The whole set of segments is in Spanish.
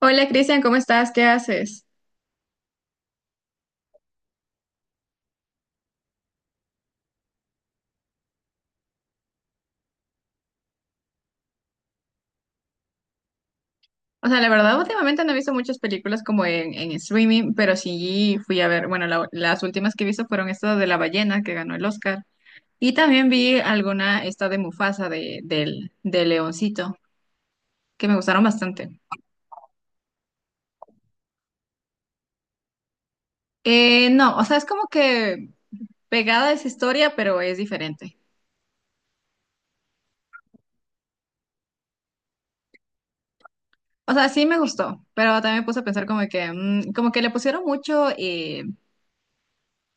Hola, Cristian, ¿cómo estás? ¿Qué haces? O sea, la verdad, últimamente no he visto muchas películas como en streaming, pero sí fui a ver, bueno, las últimas que he visto fueron esta de La Ballena, que ganó el Oscar, y también vi alguna, esta de Mufasa, de Leoncito, que me gustaron bastante. No, o sea, es como que pegada a esa historia, pero es diferente. O sea, sí me gustó, pero también me puse a pensar como que, mm, como que le pusieron mucho,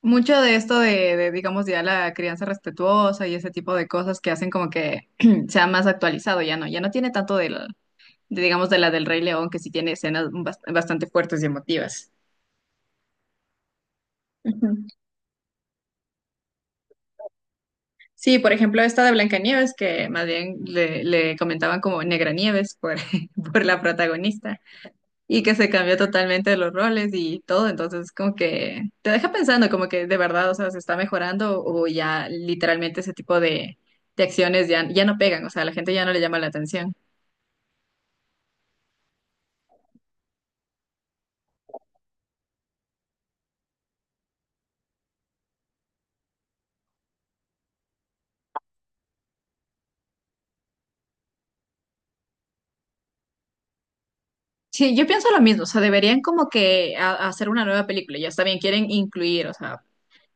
mucho de esto digamos, ya la crianza respetuosa y ese tipo de cosas que hacen como que sea más actualizado, ya no tiene tanto del, de, digamos, de la del Rey León, que sí tiene escenas bastante fuertes y emotivas. Ujú. Sí, por ejemplo, esta de Blancanieves, que más bien le comentaban como Negra Nieves por, por la protagonista, y que se cambió totalmente los roles y todo, entonces como que te deja pensando como que de verdad, o sea, se está mejorando o ya literalmente ese tipo de acciones ya no pegan, o sea, a la gente ya no le llama la atención. Sí, yo pienso lo mismo, o sea, deberían como que hacer una nueva película, ya está bien, quieren incluir, o sea,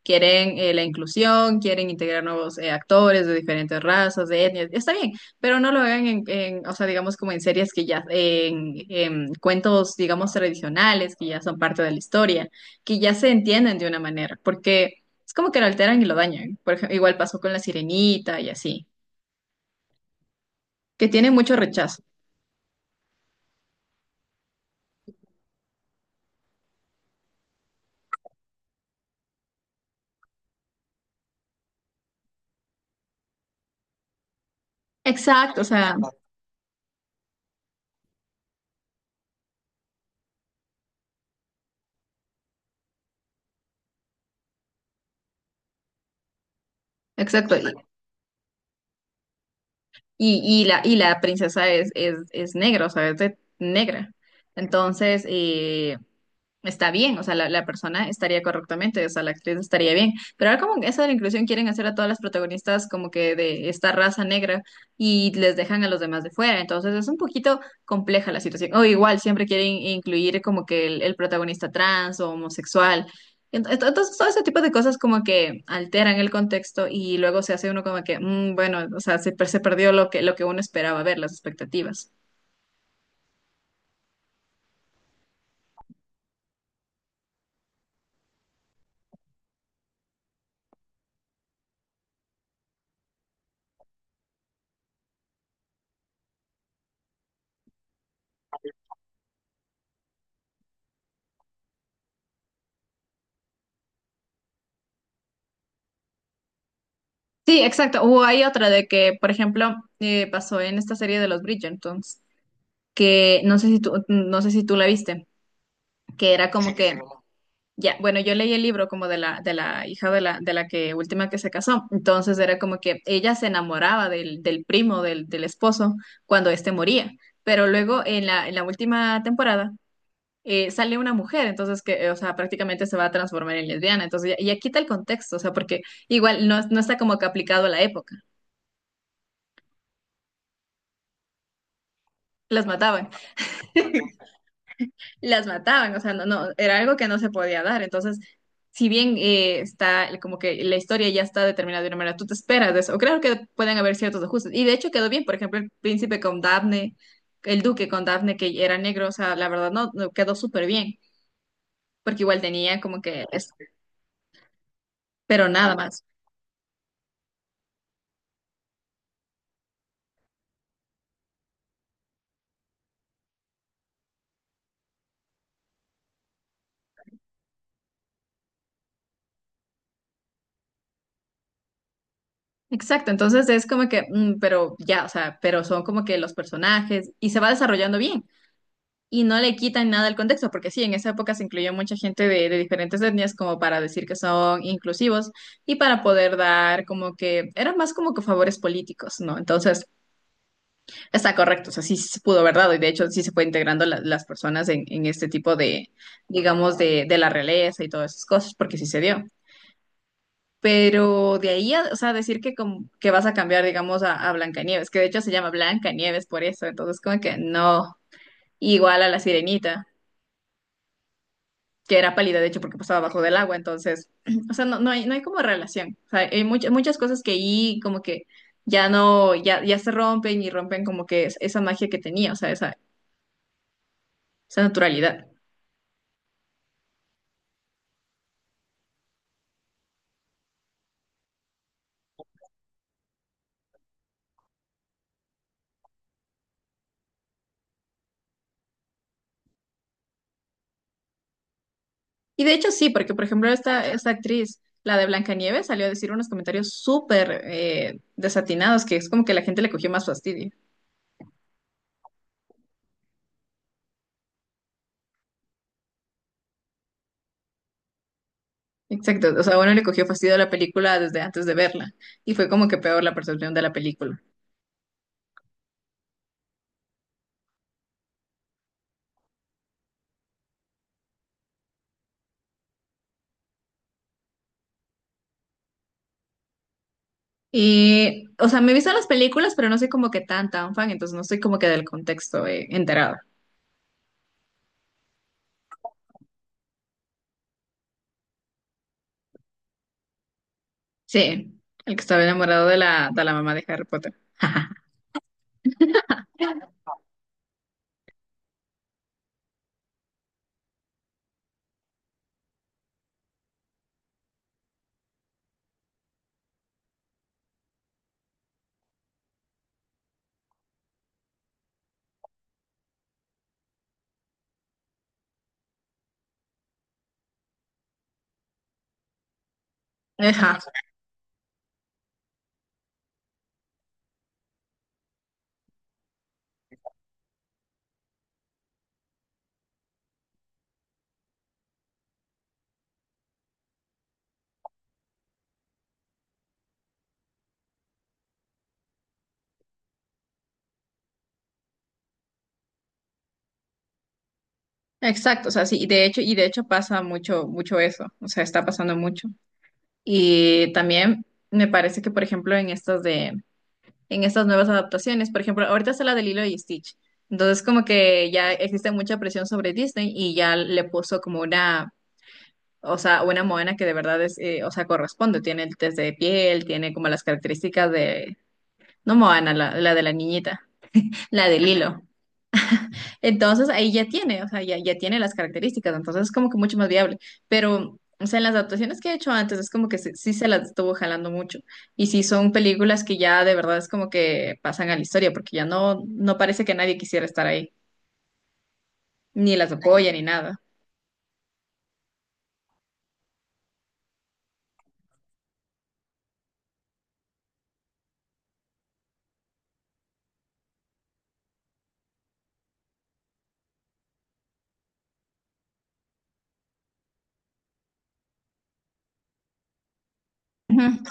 quieren la inclusión, quieren integrar nuevos actores de diferentes razas, de etnias, está bien, pero no lo hagan o sea, digamos como en series que ya, en cuentos, digamos, tradicionales, que ya son parte de la historia, que ya se entienden de una manera, porque es como que lo alteran y lo dañan. Por ejemplo, igual pasó con La Sirenita y así, que tiene mucho rechazo. Exacto, o sea, exacto. Y la, y la princesa es negra, o sea, negra. Entonces, está bien, o sea, la persona estaría correctamente, o sea, la actriz estaría bien. Pero ahora como eso de la inclusión quieren hacer a todas las protagonistas como que de esta raza negra y les dejan a los demás de fuera, entonces es un poquito compleja la situación. O igual siempre quieren incluir como que el protagonista trans o homosexual. Entonces, todo ese tipo de cosas como que alteran el contexto y luego se hace uno como que, mm, bueno, o sea, se perdió lo que uno esperaba ver, las expectativas. Sí, exacto. O hay otra de que, por ejemplo, pasó en esta serie de los Bridgertons, que no sé si tú la viste, que era como sí, que, sí, ya, bueno, yo leí el libro como de la hija de la que última que se casó. Entonces era como que ella se enamoraba del primo, del esposo, cuando este moría. Pero luego en la última temporada, sale una mujer, entonces que, o sea, prácticamente se va a transformar en lesbiana. Entonces, y aquí está el contexto, o sea, porque igual no está como que aplicado a la época. Las mataban. Las mataban, o sea, era algo que no se podía dar. Entonces, si bien está como que la historia ya está determinada de una manera, tú te esperas de eso, o claro que pueden haber ciertos ajustes. Y de hecho quedó bien, por ejemplo, el duque con Daphne, que era negro, o sea, la verdad no, no, quedó súper bien, porque igual tenía como que, pero nada más. Exacto, entonces es como que, mm, pero ya, o sea, pero son como que los personajes y se va desarrollando bien, y no le quitan nada al contexto, porque sí, en esa época se incluyó mucha gente de diferentes etnias como para decir que son inclusivos y para poder dar como que, eran más como que favores políticos, ¿no? Entonces, está correcto, o sea, sí se pudo verdad y de hecho sí se fue integrando las personas en este tipo de, digamos, de la realeza y todas esas cosas, porque sí se dio. Pero de ahí, o sea, decir que, como, que vas a cambiar, digamos, a Blancanieves, que de hecho se llama Blancanieves por eso, entonces como que no, igual a la Sirenita, que era pálida, de hecho, porque pasaba bajo del agua, entonces, o sea, no hay, no hay como relación. O sea, hay muchas, muchas cosas que ahí como que ya no, ya, ya se rompen y rompen como que esa magia que tenía, o sea, esa naturalidad. Y de hecho sí, porque por ejemplo esta actriz, la de Blancanieves, salió a decir unos comentarios súper desatinados, que es como que la gente le cogió más fastidio. Exacto, o sea, uno le cogió fastidio a la película desde antes de verla y fue como que peor la percepción de la película. Y, o sea, me he visto las películas, pero no soy como que tan, tan fan, entonces no estoy como que del contexto enterada. Sí, el que estaba enamorado de la mamá de Harry Potter. Ajá, exacto, o sea, sí, y de hecho pasa mucho, mucho eso, o sea, está pasando mucho. Y también me parece que, por ejemplo, en estas de, en estas nuevas adaptaciones, por ejemplo, ahorita está la de Lilo y Stitch, entonces como que ya existe mucha presión sobre Disney y ya le puso como una, o sea, una Moana que de verdad es, o sea, corresponde. Tiene el test de piel, tiene como las características de, no Moana, la de la niñita, la de Lilo. Entonces ahí ya tiene, o sea, ya tiene las características, entonces es como que mucho más viable. Pero, o sea, en las adaptaciones que he hecho antes es como que sí, sí se las estuvo jalando mucho. Y sí son películas que ya de verdad es como que pasan a la historia, porque ya no, no parece que nadie quisiera estar ahí, ni las apoya ni nada. Ujú.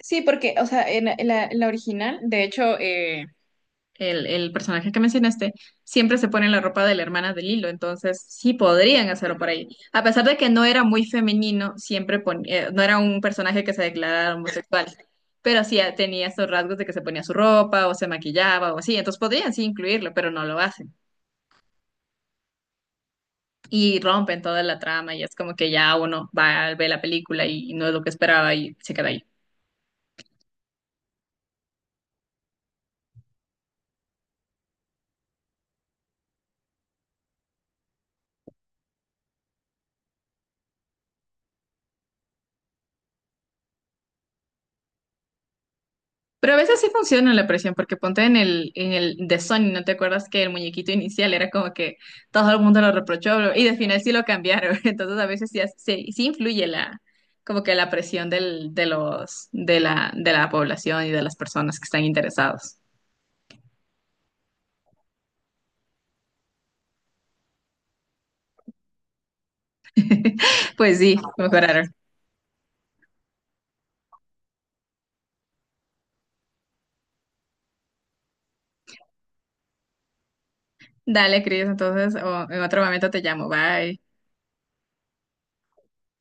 Sí, porque, o sea, en la original, de hecho, el personaje que mencionaste, siempre se pone la ropa de la hermana de Lilo, entonces sí podrían hacerlo por ahí. A pesar de que no era muy femenino, no era un personaje que se declarara homosexual, pero sí tenía estos rasgos de que se ponía su ropa o se maquillaba o así, entonces podrían sí incluirlo, pero no lo hacen. Y rompen toda la trama y es como que ya uno va a ver la película y no es lo que esperaba y se queda ahí. Pero a veces sí funciona la presión, porque ponte en el de Sony, ¿no te acuerdas que el muñequito inicial era como que todo el mundo lo reprochó bro, y del final sí lo cambiaron? Entonces a veces sí, sí influye la, como que la presión del, de la población y de las personas que están interesados. Pues sí, mejoraron. Dale, Cris, entonces o en otro momento te llamo. Bye.